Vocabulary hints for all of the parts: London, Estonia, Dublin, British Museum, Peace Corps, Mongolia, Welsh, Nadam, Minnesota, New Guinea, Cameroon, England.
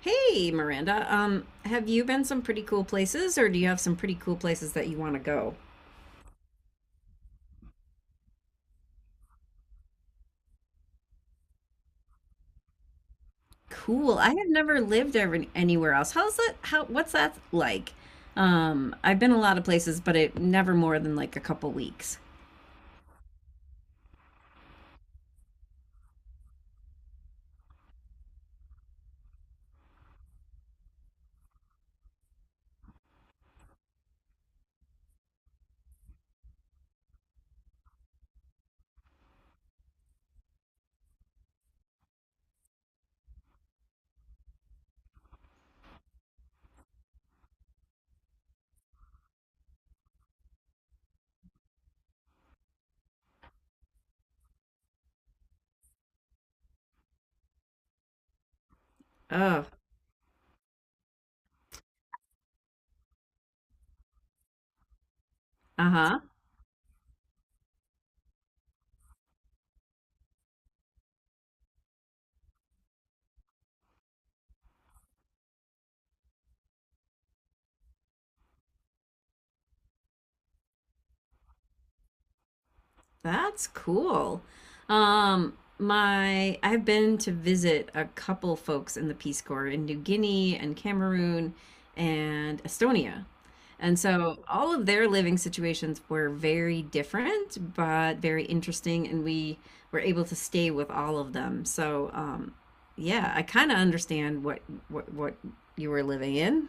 Hey, Miranda. Have you been some pretty cool places, or do you have some pretty cool places that you want to go? Cool. I have never lived ever anywhere else. How's that? What's that like? I've been a lot of places, but it never more than like a couple weeks. Oh, uh-huh. That's cool. My I've been to visit a couple folks in the Peace Corps in New Guinea and Cameroon and Estonia. And so all of their living situations were very different, but very interesting, and we were able to stay with all of them. So, yeah, I kind of understand what what you were living in.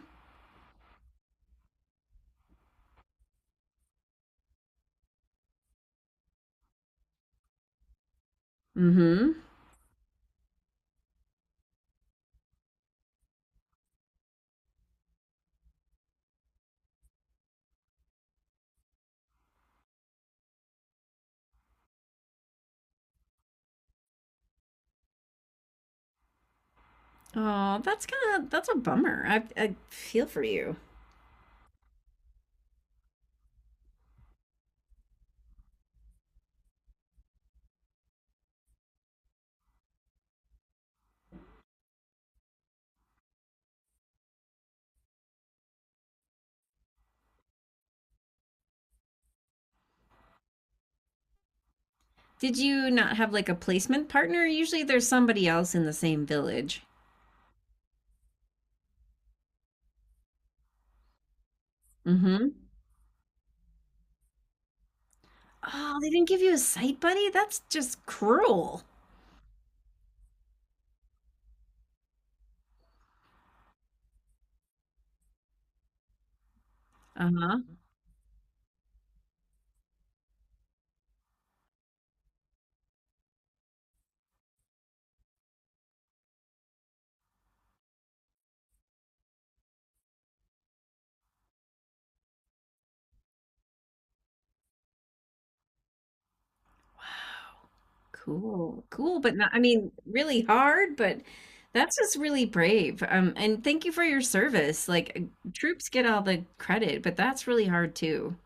Mm-hmm. Oh, that's kind of that's a bummer. I feel for you. Did you not have like a placement partner? Usually there's somebody else in the same village. Mm-hmm. Oh, they didn't give you a site buddy? That's just cruel. Uh-huh. Cool. Cool, but not, I mean, really hard, but that's just really brave. And thank you for your service. Like troops get all the credit, but that's really hard too.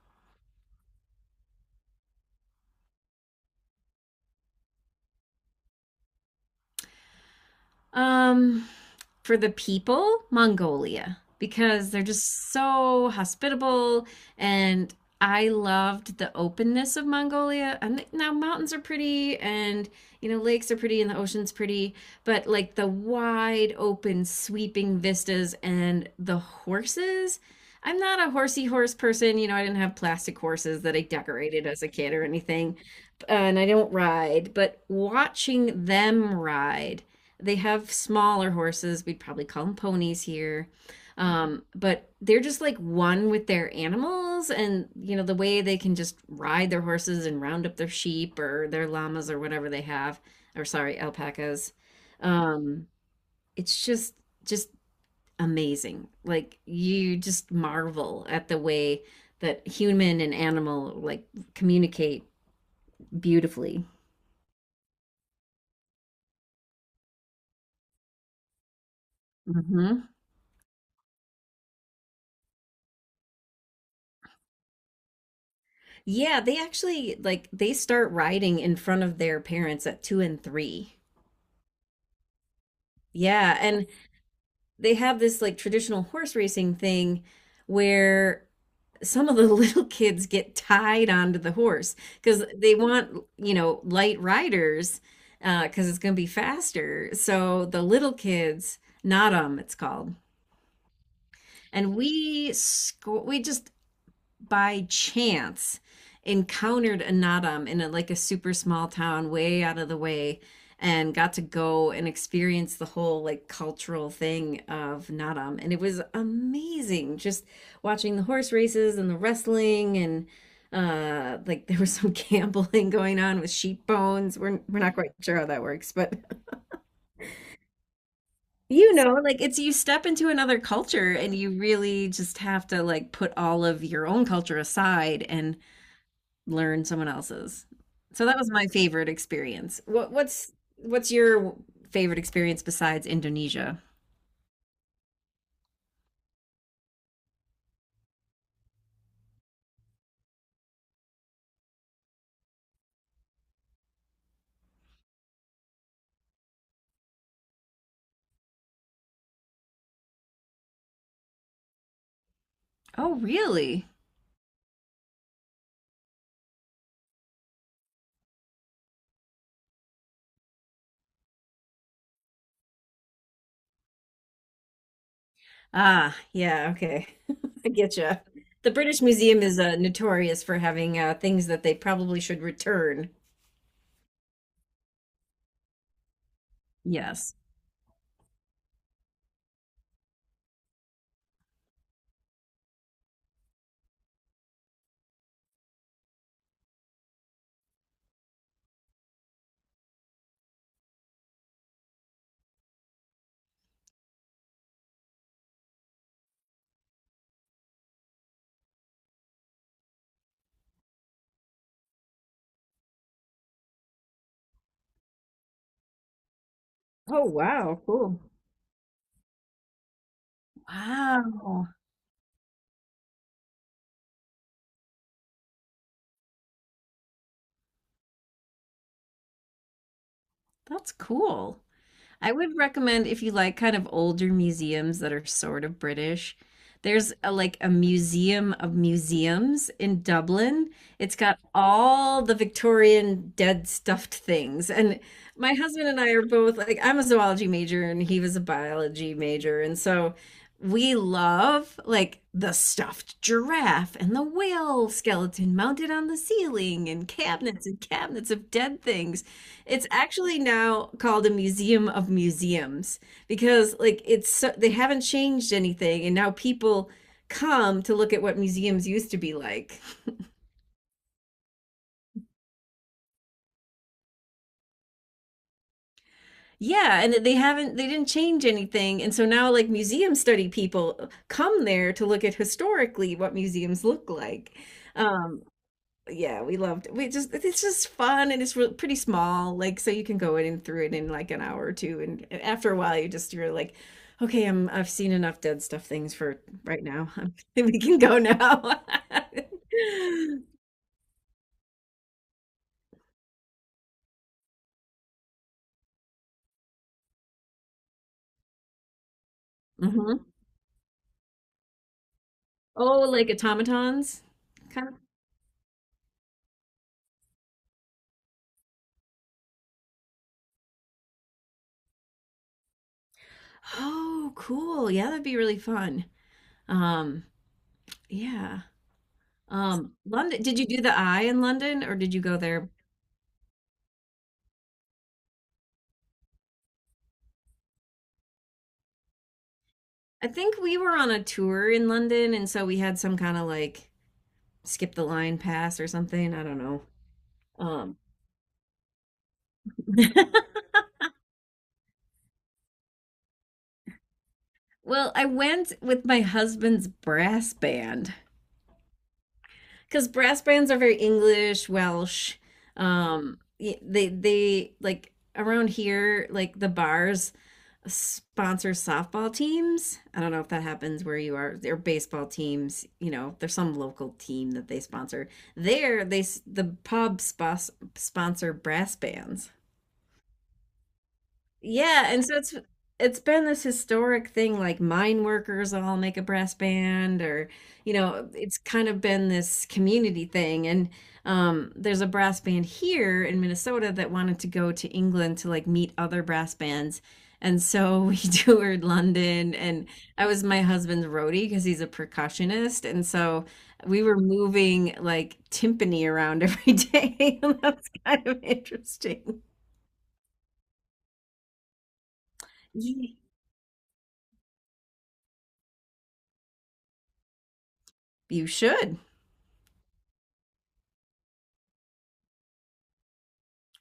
Um, for the people, Mongolia, because they're just so hospitable. And I loved the openness of Mongolia. And now mountains are pretty, and lakes are pretty, and the ocean's pretty, but like the wide open, sweeping vistas and the horses. I'm not a horsey horse person. You know, I didn't have plastic horses that I decorated as a kid or anything, and I don't ride, but watching them ride, they have smaller horses. We'd probably call them ponies here. But they're just like one with their animals, and the way they can just ride their horses and round up their sheep or their llamas or whatever they have, or sorry, alpacas. Um, it's just amazing. Like you just marvel at the way that human and animal like communicate beautifully. Mm-hmm. Yeah, they actually like they start riding in front of their parents at two and three. Yeah, and they have this like traditional horse racing thing where some of the little kids get tied onto the horse because they want, light riders, because it's going to be faster. So the little kids, not 'em, it's called. And we just by chance encountered Anatam in like a super small town way out of the way and got to go and experience the whole like cultural thing of Nadam. And it was amazing just watching the horse races and the wrestling and like there was some gambling going on with sheep bones. We're not quite sure how that works, but you know, like it's you step into another culture and you really just have to like put all of your own culture aside and learn someone else's. So that was my favorite experience. What's your favorite experience besides Indonesia? Oh, really? Ah, yeah, okay. I get you. The British Museum is notorious for having things that they probably should return. Yes. Oh, wow, cool. Wow. That's cool. I would recommend if you like kind of older museums that are sort of British. There's like a museum of museums in Dublin. It's got all the Victorian dead stuffed things. And my husband and I are both like, I'm a zoology major and he was a biology major. And so we love like the stuffed giraffe and the whale skeleton mounted on the ceiling and cabinets of dead things. It's actually now called a museum of museums because they haven't changed anything and now people come to look at what museums used to be like. Yeah, and they didn't change anything and so now like museum study people come there to look at historically what museums look like. Um yeah, we loved we just it's just fun, and it's re pretty small, like so you can go in and through it in like an hour or two, and after a while you're like, okay, I've seen enough dead stuff things for right now. We can go now. hmm Oh, like automatons, kind of. Oh, cool. Yeah, that'd be really fun. Um, yeah. London. Did you do the Eye in London, or did you go there? I think we were on a tour in London, and so we had some kind of like skip the line pass or something. I don't know. Um, well, I went with my husband's brass band because brass bands are very English, Welsh. They like around here, like the bars sponsor softball teams. I don't know if that happens where you are. They're baseball teams. There's some local team that they sponsor. There, the pub sponsor brass bands. Yeah, and so it's been this historic thing like mine workers all make a brass band or it's kind of been this community thing and there's a brass band here in Minnesota that wanted to go to England to like meet other brass bands. And so we toured London and I was my husband's roadie because he's a percussionist and so we were moving like timpani around every day and that was kind of interesting. Ye- You should.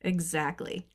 Exactly.